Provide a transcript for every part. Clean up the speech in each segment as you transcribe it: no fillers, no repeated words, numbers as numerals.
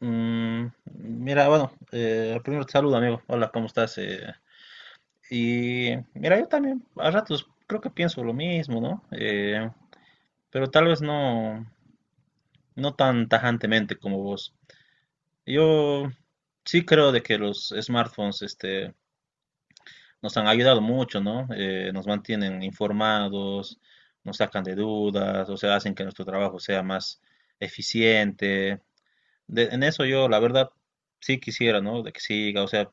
Mm, mira, bueno, primero te saludo, amigo. Hola, ¿cómo estás? Y mira, yo también a ratos creo que pienso lo mismo, ¿no? Pero tal vez no, no tan tajantemente como vos. Yo sí creo de que los smartphones, este, nos han ayudado mucho, ¿no? Nos mantienen informados, nos sacan de dudas, o sea, hacen que nuestro trabajo sea más eficiente. En eso yo, la verdad, sí quisiera, ¿no? De que siga, o sea.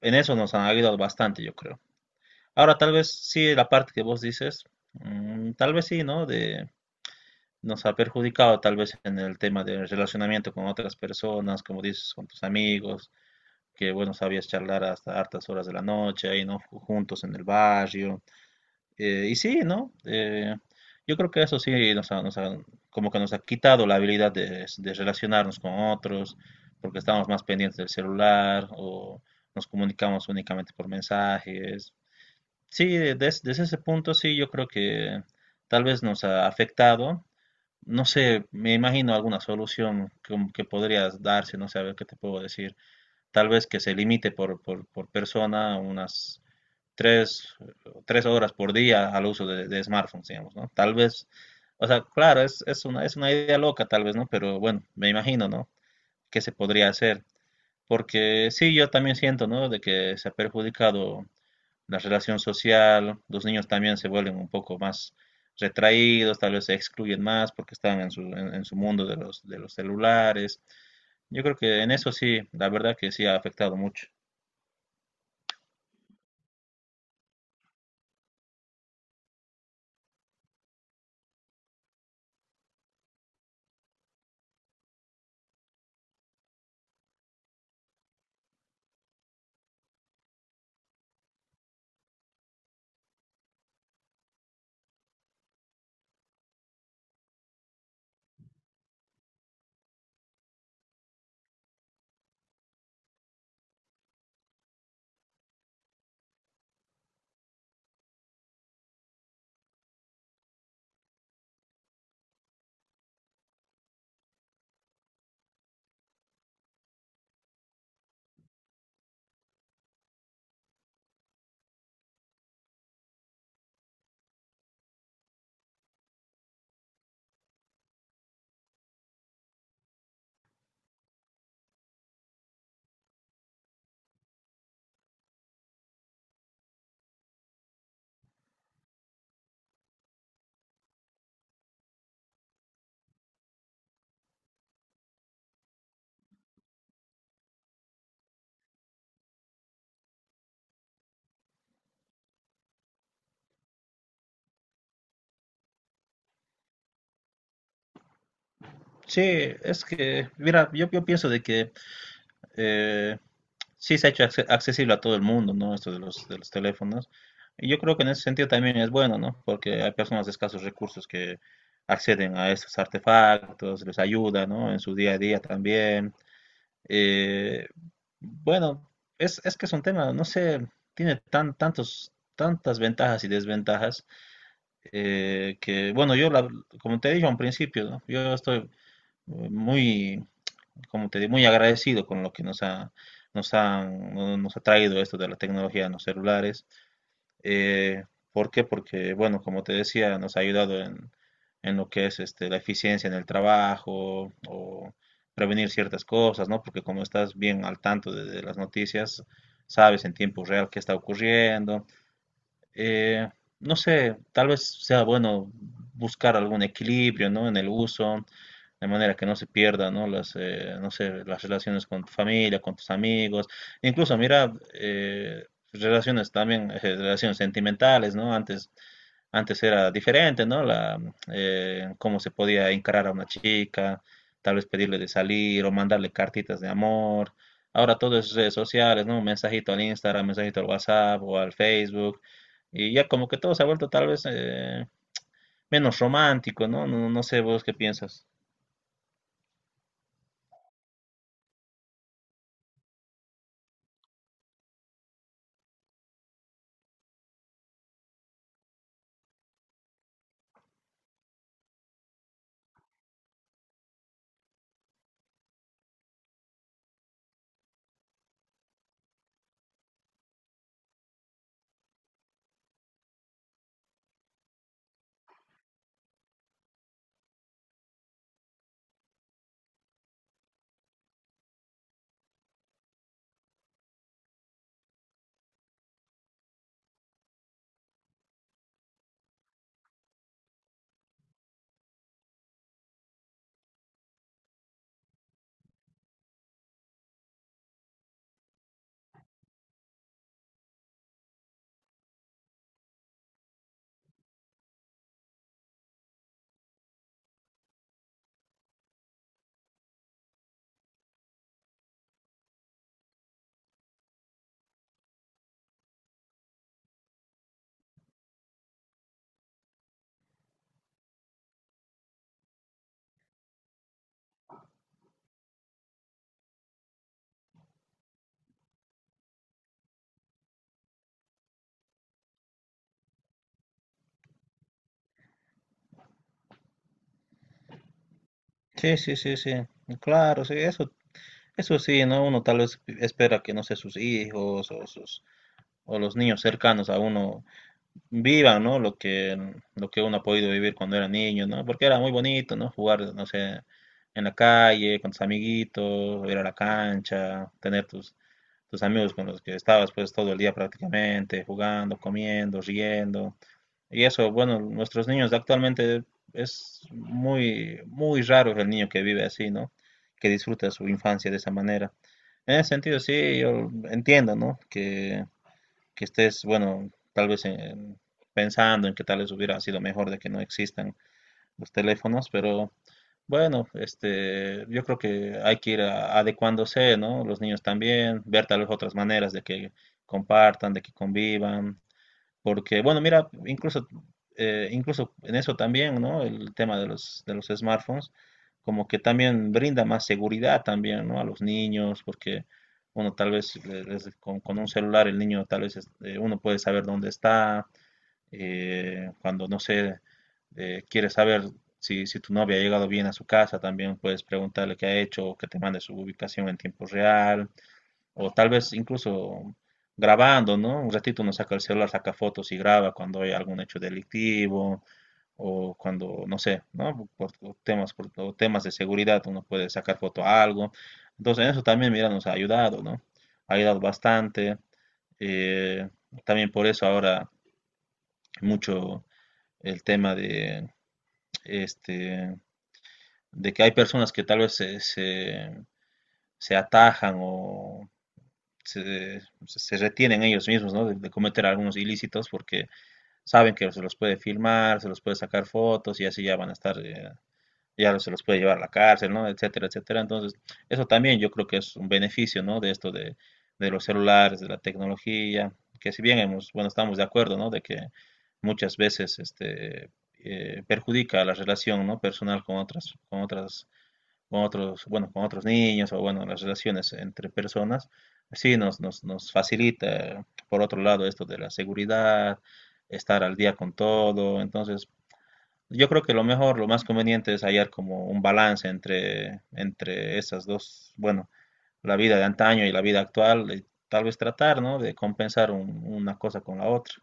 En eso nos han ayudado bastante, yo creo. Ahora, tal vez sí, la parte que vos dices, tal vez sí, ¿no? Nos ha perjudicado tal vez en el tema del relacionamiento con otras personas, como dices, con tus amigos, que bueno, sabías charlar hasta hartas horas de la noche, ahí, ¿no? Juntos en el barrio. Y sí, ¿no? Yo creo que eso sí como que nos ha quitado la habilidad de relacionarnos con otros, porque estamos más pendientes del celular o nos comunicamos únicamente por mensajes. Sí, desde ese punto sí, yo creo que tal vez nos ha afectado. No sé, me imagino alguna solución que podrías darse, no sé, a ver qué te puedo decir. Tal vez que se limite por persona unas tres, tres horas por día al uso de smartphones, digamos, ¿no? Tal vez, o sea, claro, es una idea loca tal vez, ¿no? Pero bueno, me imagino, ¿no? ¿Qué se podría hacer? Porque sí, yo también siento, ¿no? De que se ha perjudicado la relación social, los niños también se vuelven un poco más retraídos, tal vez se excluyen más porque están en su mundo de los celulares. Yo creo que en eso sí, la verdad que sí ha afectado mucho. Sí, es que, mira, yo pienso de que eh, sí se ha hecho accesible a todo el mundo, ¿no? Esto de los teléfonos. Y yo creo que en ese sentido también es bueno, ¿no? Porque hay personas de escasos recursos que acceden a estos artefactos, les ayuda, ¿no? En su día a día también. Eh, bueno, es que es un tema, no sé, tiene tantas ventajas y desventajas, que, bueno, como te dije al principio, ¿no? Yo estoy, eh, muy, como te digo, muy agradecido con lo que nos ha traído esto de la tecnología en los celulares. Eh, ¿por qué? Porque, bueno, como te decía, nos ha ayudado en lo que es este, la eficiencia en el trabajo o prevenir ciertas cosas, ¿no? Porque como estás bien al tanto de las noticias, sabes en tiempo real qué está ocurriendo. Eh, no sé, tal vez sea bueno buscar algún equilibrio, ¿no? En el uso de manera que no se pierdan, ¿no? Las, no sé, las relaciones con tu familia, con tus amigos, incluso mira, relaciones también, relaciones sentimentales, ¿no? Antes, antes era diferente, ¿no? Cómo se podía encarar a una chica, tal vez pedirle de salir o mandarle cartitas de amor. Ahora todo es redes sociales, ¿no? Un mensajito al Instagram, mensajito al WhatsApp o al Facebook. Y ya como que todo se ha vuelto tal vez menos romántico, ¿no? No, no sé vos qué piensas. Sí, sí, sí, sí, claro, sí, eso sí, ¿no? Uno tal vez espera que, no sé, sus hijos o o los niños cercanos a uno vivan, ¿no? Lo que uno ha podido vivir cuando era niño, ¿no? Porque era muy bonito, ¿no? Jugar, no sé, en la calle, con tus amiguitos, ir a la cancha, tener tus amigos con los que estabas pues todo el día prácticamente, jugando, comiendo, riendo. Y eso, bueno, nuestros niños actualmente es muy, muy raro el niño que vive así, ¿no? Que disfruta su infancia de esa manera. En ese sentido, sí, yo entiendo, ¿no? Que estés, bueno, tal vez pensando en que tal vez hubiera sido mejor de que no existan los teléfonos, pero bueno, este, yo creo que hay que ir adecuándose, ¿no? Los niños también, ver tal vez otras maneras de que compartan, de que convivan, porque, bueno, mira, incluso, incluso en eso también, ¿no? El tema de los smartphones, como que también brinda más seguridad también, ¿no? A los niños, porque, bueno, tal vez con un celular el niño, tal vez uno puede saber dónde está, cuando, no sé, quiere saber si tu novia ha llegado bien a su casa, también puedes preguntarle qué ha hecho, o que te mande su ubicación en tiempo real. O tal vez incluso grabando, ¿no? Un ratito uno saca el celular, saca fotos y graba cuando hay algún hecho delictivo o cuando, no sé, ¿no? Por temas, por o temas de seguridad uno puede sacar foto a algo. Entonces eso también, mira, nos ha ayudado, ¿no? Ha ayudado bastante. Eh, también por eso ahora mucho el tema de, este, de que hay personas que tal vez se atajan o se, se retienen ellos mismos, ¿no? De cometer algunos ilícitos porque saben que se los puede filmar, se los puede sacar fotos y así ya van a estar, ya se los puede llevar a la cárcel, ¿no? Etcétera, etcétera. Entonces, eso también yo creo que es un beneficio, ¿no? De esto de los celulares, de la tecnología, que si bien bueno, estamos de acuerdo, ¿no? De que muchas veces este, perjudica la relación, ¿no? Personal con otros, bueno, con otros niños o bueno, las relaciones entre personas, sí nos facilita, por otro lado, esto de la seguridad, estar al día con todo. Entonces, yo creo que lo mejor, lo más conveniente es hallar como un balance entre esas dos, bueno, la vida de antaño y la vida actual, y tal vez tratar, ¿no? de compensar una cosa con la otra.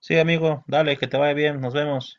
Sí, amigo, dale, que te vaya bien, nos vemos.